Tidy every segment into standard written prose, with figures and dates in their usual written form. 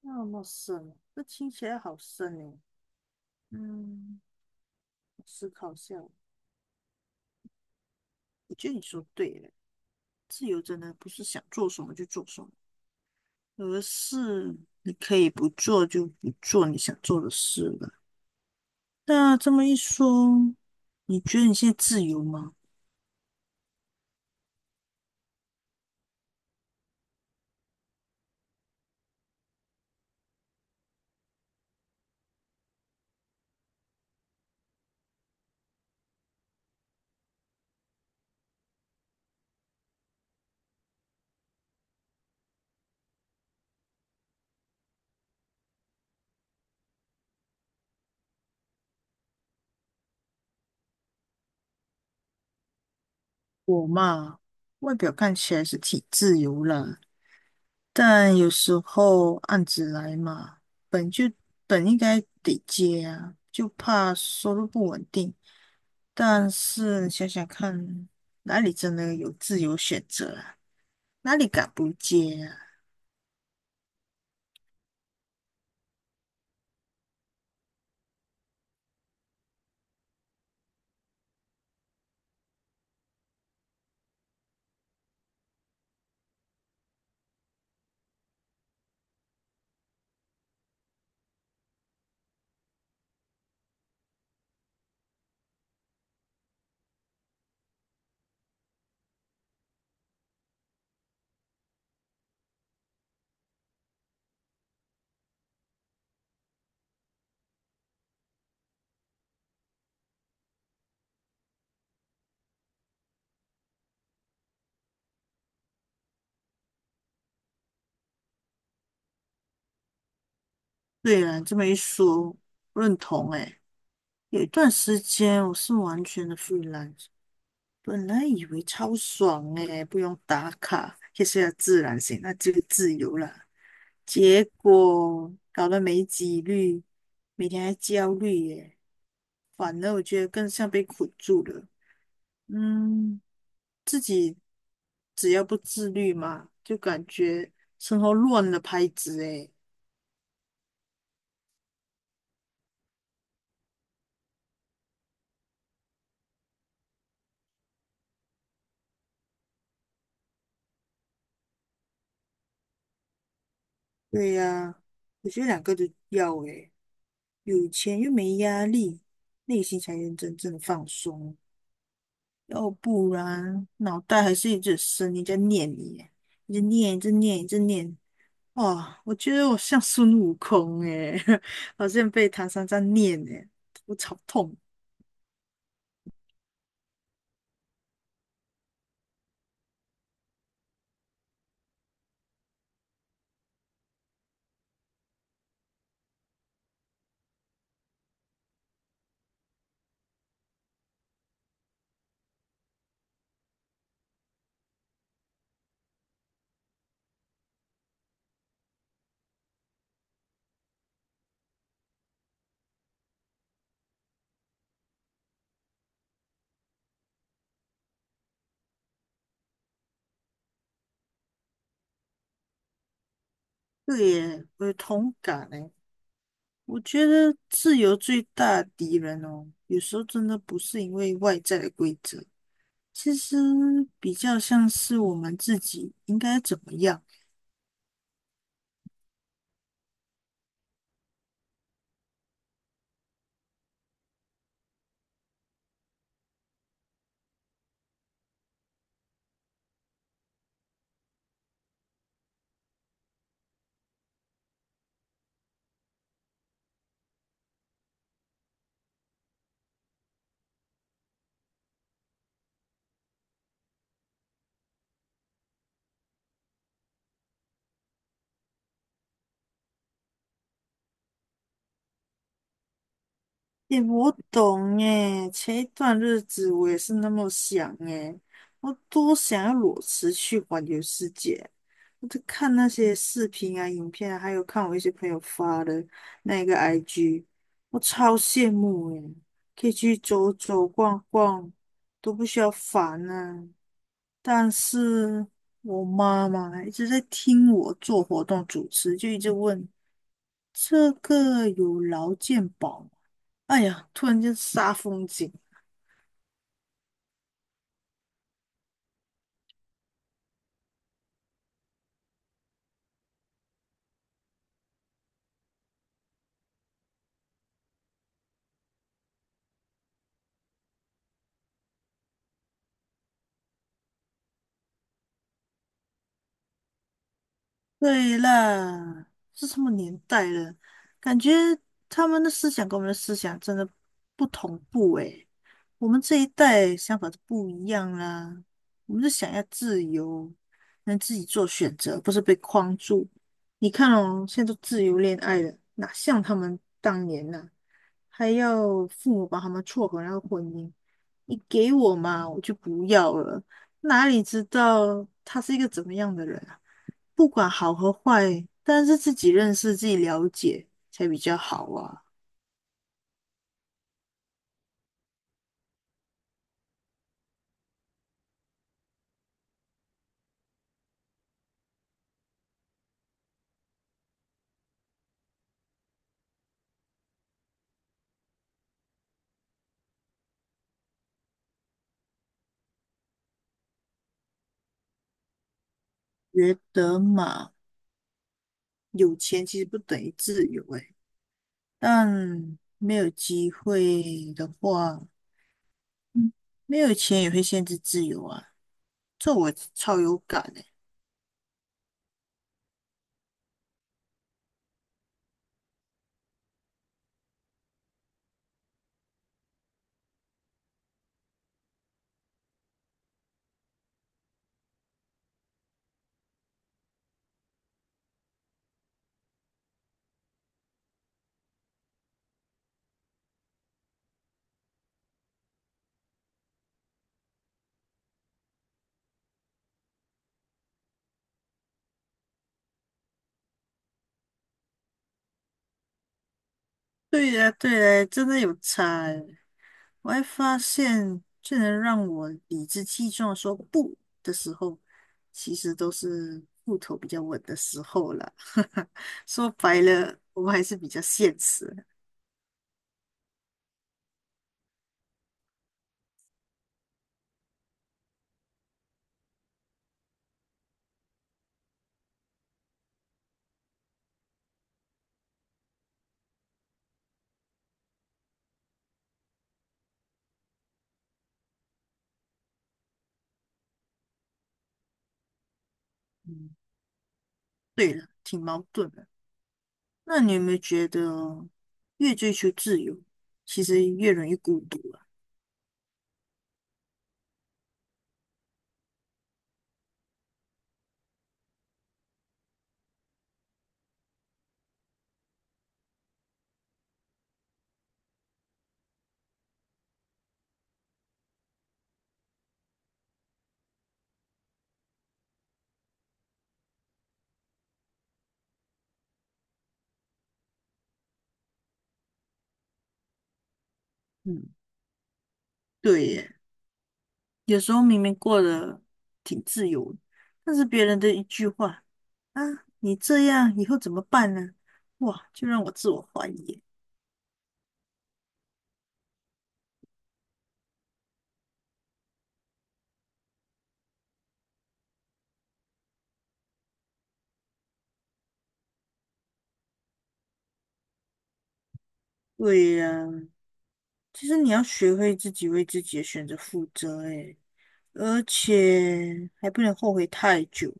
那么深，这听起来好深哦。嗯，我思考一下哦，我觉得你说对了，自由真的不是想做什么就做什么，而是你可以不做就不做你想做的事了。那这么一说，你觉得你现在自由吗？我嘛，外表看起来是挺自由啦，但有时候案子来嘛，本就本应该得接啊，就怕收入不稳定。但是想想看，哪里真的有自由选择啊？哪里敢不接啊？对啊，这么一说，认同诶。有一段时间我是完全的 freelance，本来以为超爽诶，不用打卡，也是要自然型，那就自由了。结果搞得没几率，每天还焦虑耶，反而我觉得更像被捆住了。嗯，自己只要不自律嘛，就感觉生活乱了拍子诶。对呀，我觉得两个都要诶，有钱又没压力，内心才能真正的放松。要不然脑袋还是一直生，一直念你，一直念，一直念，一直念，哇，我觉得我像孙悟空诶，好像被唐三藏念诶，我超痛。对耶，我有同感诶。我觉得自由最大的敌人哦，有时候真的不是因为外在的规则，其实比较像是我们自己应该怎么样。诶，我懂诶，前一段日子我也是那么想诶，我多想要裸辞去环游世界。我在看那些视频啊、影片啊，还有看我一些朋友发的那个 IG，我超羡慕诶，可以去走走逛逛，都不需要烦啊。但是我妈妈一直在听我做活动主持，就一直问这个有劳健保。哎呀，突然间杀风景。对啦，是什么年代了？感觉他们的思想跟我们的思想真的不同步诶。我们这一代想法是不一样啦，我们是想要自由，能自己做选择，不是被框住。你看哦，现在都自由恋爱了，哪像他们当年呐、还要父母把他们撮合那个婚姻，你给我嘛，我就不要了。哪里知道他是一个怎么样的人啊不管好和坏，但是自己认识、自己了解才比较好啊。觉得嘛，有钱其实不等于自由诶，但没有机会的话，嗯没有钱也会限制自由啊。这我超有感诶。对呀，对呀，真的有差诶。我还发现，最能让我理直气壮说不的时候，其实都是户头比较稳的时候了。说白了，我还是比较现实的。嗯，对了，挺矛盾的。那你有没有觉得，越追求自由，其实越容易孤独啊？嗯，对耶，有时候明明过得挺自由的，但是别人的一句话啊，你这样以后怎么办呢？哇，就让我自我怀疑耶。对呀，其实你要学会自己为自己的选择负责，诶，而且还不能后悔太久。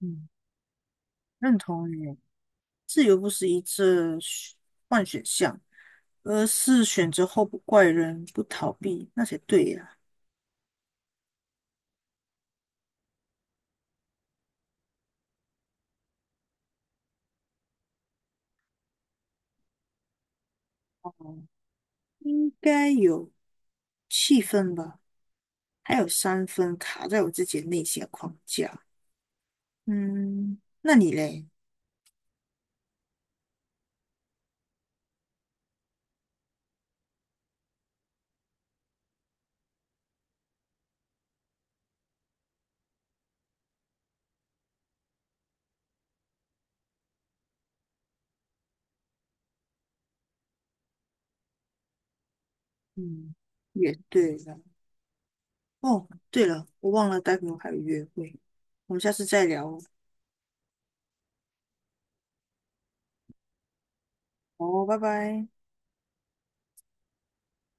嗯，认同你，自由不是一次选换选项，而是选择后不怪人，不逃避，那才对呀。哦，应该有7分吧，还有3分卡在我自己的内心的框架。嗯，那你嘞？嗯，也对了。哦，对了，我忘了待会我还有约会，我们下次再聊哦，拜拜。